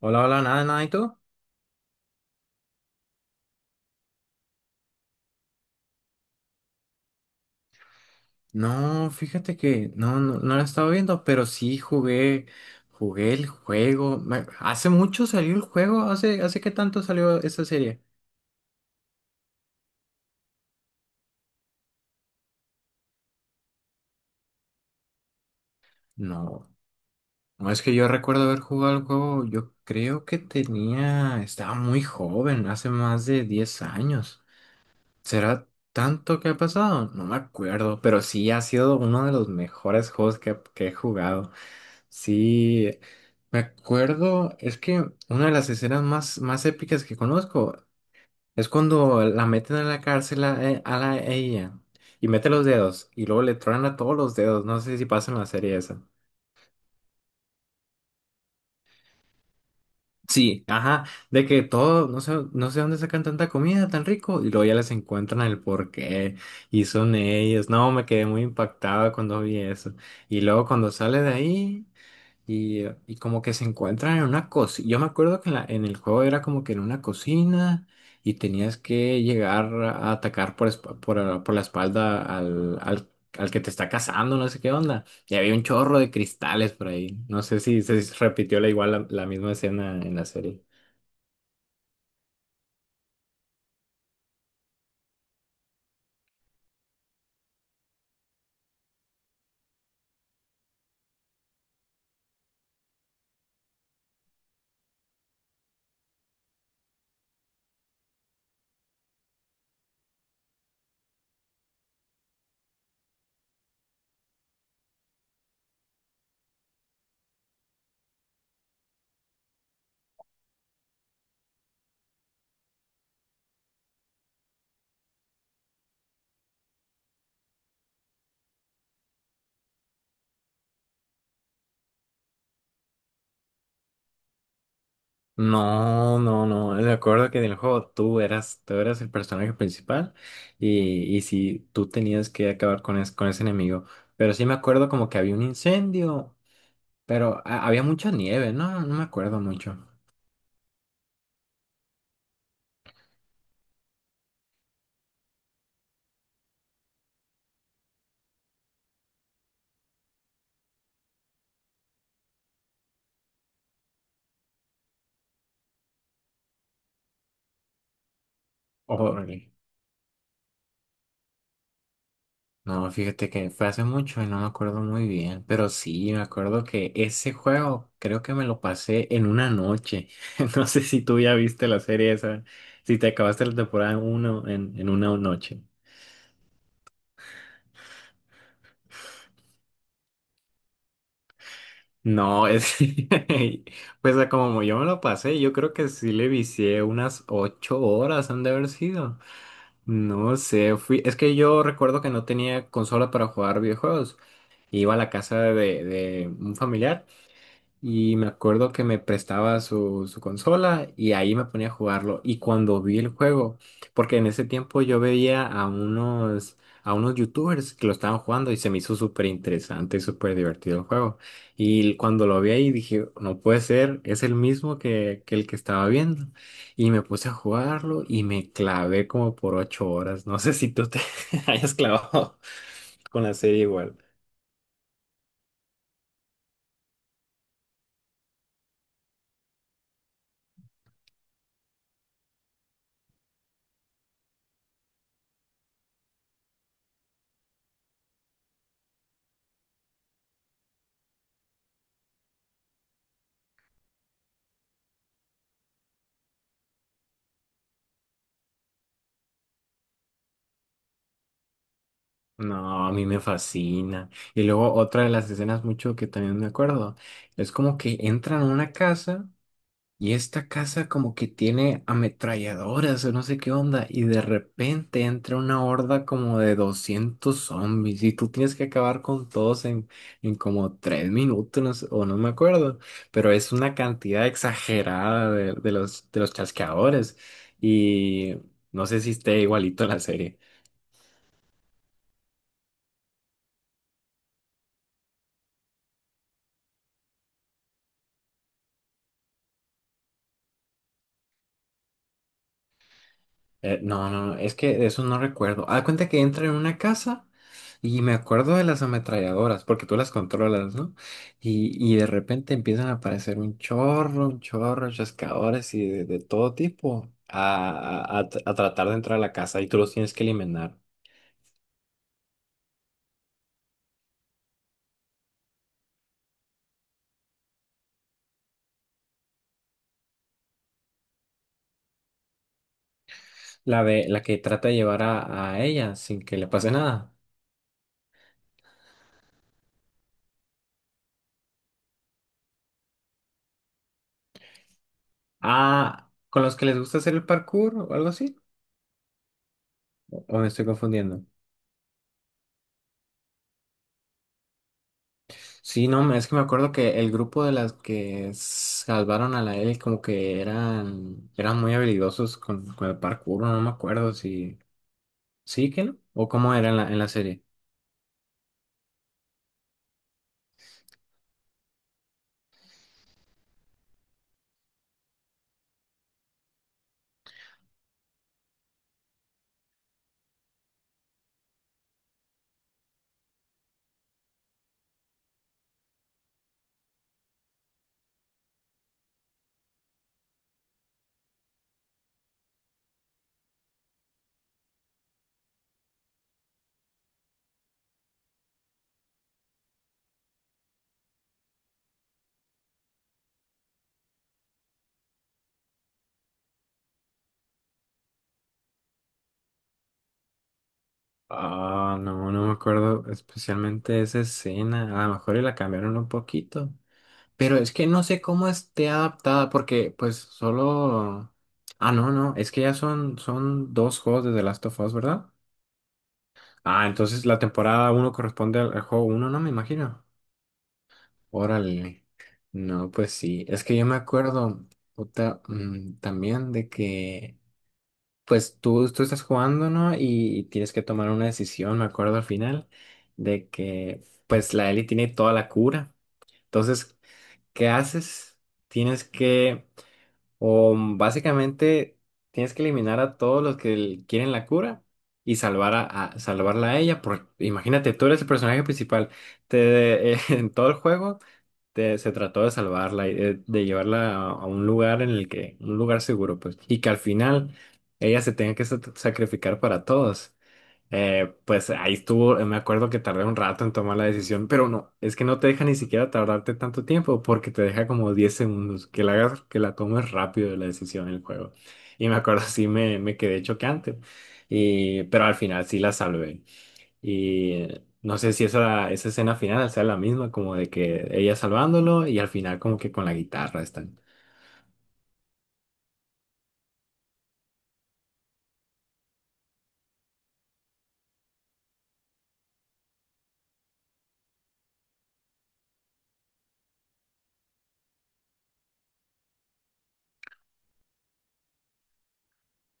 Hola, hola, nada, nada, ¿y tú? No, fíjate que no, no, no la he estado viendo, pero sí jugué el juego. Hace mucho salió el juego, ¿hace qué tanto salió esa serie? No, no es que yo recuerdo haber jugado el juego, yo creo que tenía, estaba muy joven, hace más de 10 años. ¿Será tanto que ha pasado? No me acuerdo, pero sí ha sido uno de los mejores juegos que he jugado. Sí, me acuerdo, es que una de las escenas más épicas que conozco es cuando la meten en la cárcel a, e- a la a ella y mete los dedos y luego le truenan a todos los dedos, no sé si pasa en la serie esa. Sí, ajá, de que todo, no sé dónde sacan tanta comida tan rico y luego ya les encuentran el porqué y son ellos. No, me quedé muy impactada cuando vi eso. Y luego cuando sale de ahí. Y como que se encuentran en una cocina. Yo me acuerdo que en el juego era como que en una cocina y tenías que llegar a atacar por la espalda al que te está cazando, no sé qué onda. Y había un chorro de cristales por ahí. No sé si se repitió la misma escena en la serie. No, no, no. Me acuerdo que en el juego tú eras el personaje principal y sí, tú tenías que acabar con ese enemigo. Pero sí me acuerdo como que había un incendio. Pero había mucha nieve, no, no me acuerdo mucho. Órale. No, fíjate que fue hace mucho y no me acuerdo muy bien, pero sí, me acuerdo que ese juego creo que me lo pasé en una noche. No sé si tú ya viste la serie esa, si te acabaste la temporada uno en una noche. No, es. Pues a como yo me lo pasé, yo creo que sí le vicié unas 8 horas han de haber sido. No sé, fui. Es que yo recuerdo que no tenía consola para jugar videojuegos. Iba a la casa de un familiar y me acuerdo que me prestaba su consola y ahí me ponía a jugarlo. Y cuando vi el juego, porque en ese tiempo yo veía a unos, youtubers que lo estaban jugando y se me hizo súper interesante y súper divertido el juego. Y cuando lo vi ahí dije, no puede ser, es el mismo que el que estaba viendo. Y me puse a jugarlo y me clavé como por 8 horas. No sé si tú te hayas clavado con la serie igual. No, a mí me fascina. Y luego otra de las escenas mucho que también me acuerdo, es como que entran a una casa y esta casa como que tiene ametralladoras o no sé qué onda y de repente entra una horda como de 200 zombies y tú tienes que acabar con todos en como 3 minutos, o no me acuerdo, pero es una cantidad exagerada de, de los chasqueadores y no sé si esté igualito a la serie. No, no, no, es que de eso no recuerdo. Haz cuenta que entra en una casa y me acuerdo de las ametralladoras, porque tú las controlas, ¿no? Y de repente empiezan a aparecer un chorro, chascadores y de todo tipo a tratar de entrar a la casa y tú los tienes que eliminar. La que trata de llevar a ella sin que le pase nada. Ah, ¿con los que les gusta hacer el parkour o algo así? ¿O me estoy confundiendo? Sí, no, es que me acuerdo que el grupo de las que salvaron a la Ellie como que eran muy habilidosos con el parkour, no me acuerdo si. ¿Sí que no? ¿O cómo era en la serie? Ah, no, no me acuerdo especialmente de esa escena. A lo mejor y la cambiaron un poquito. Pero es que no sé cómo esté adaptada porque pues solo. Ah, no, no, es que ya son dos juegos de The Last of Us, ¿verdad? Ah, entonces la temporada uno corresponde al juego uno, no me imagino. Órale. No, pues sí. Es que yo me acuerdo puta, también de que, pues tú estás jugando, ¿no? Y tienes que tomar una decisión, me acuerdo al final, de que, pues la Ellie tiene toda la cura. Entonces, ¿qué haces? Tienes que, o básicamente, tienes que eliminar a todos los que quieren la cura y salvar salvarla a ella. Por, imagínate, tú eres el personaje principal. Te, en todo el juego se trató de salvarla, y de llevarla a un lugar en el que, un lugar seguro, pues, y que al final ella se tenga que sacrificar para todos. Pues ahí estuvo, me acuerdo que tardé un rato en tomar la decisión, pero no, es que no te deja ni siquiera tardarte tanto tiempo porque te deja como 10 segundos, que la hagas, que la tomes rápido la decisión del juego. Y me acuerdo, sí me quedé choqueante, y, pero al final sí la salvé. Y no sé si esa escena final sea la misma, como de que ella salvándolo y al final como que con la guitarra están.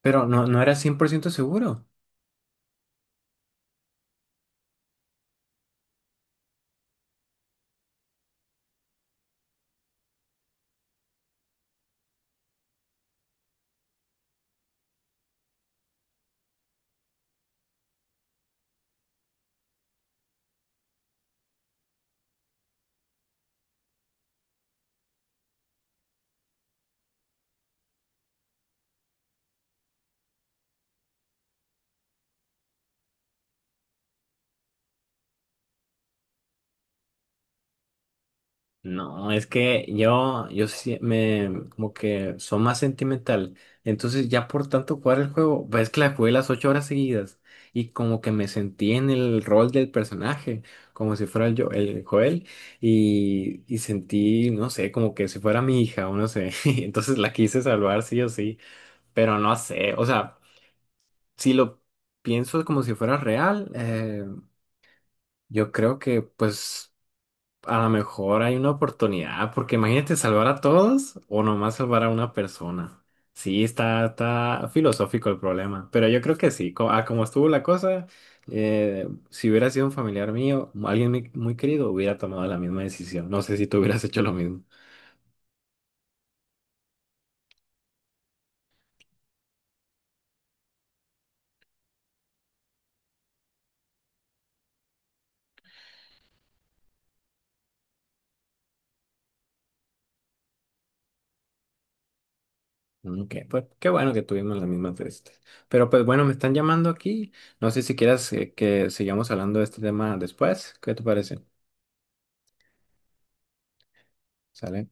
Pero no, no era 100% seguro. No, es que yo, sí me, como que soy más sentimental. Entonces ya por tanto jugar el juego, ves que la jugué las 8 horas seguidas y como que me sentí en el rol del personaje, como si fuera el, yo, el Joel y sentí, no sé, como que si fuera mi hija o no sé. Entonces la quise salvar sí o sí. Pero no sé, o sea, si lo pienso como si fuera real, yo creo que pues a lo mejor hay una oportunidad, porque imagínate salvar a todos o nomás salvar a una persona. Sí, está filosófico el problema, pero yo creo que sí, a como estuvo la cosa, si hubiera sido un familiar mío, alguien muy, muy querido, hubiera tomado la misma decisión. No sé si tú hubieras hecho lo mismo. Ok, pues qué bueno que tuvimos las mismas de estas. Pero pues bueno, me están llamando aquí. No sé si quieras que sigamos hablando de este tema después. ¿Qué te parece? ¿Sale?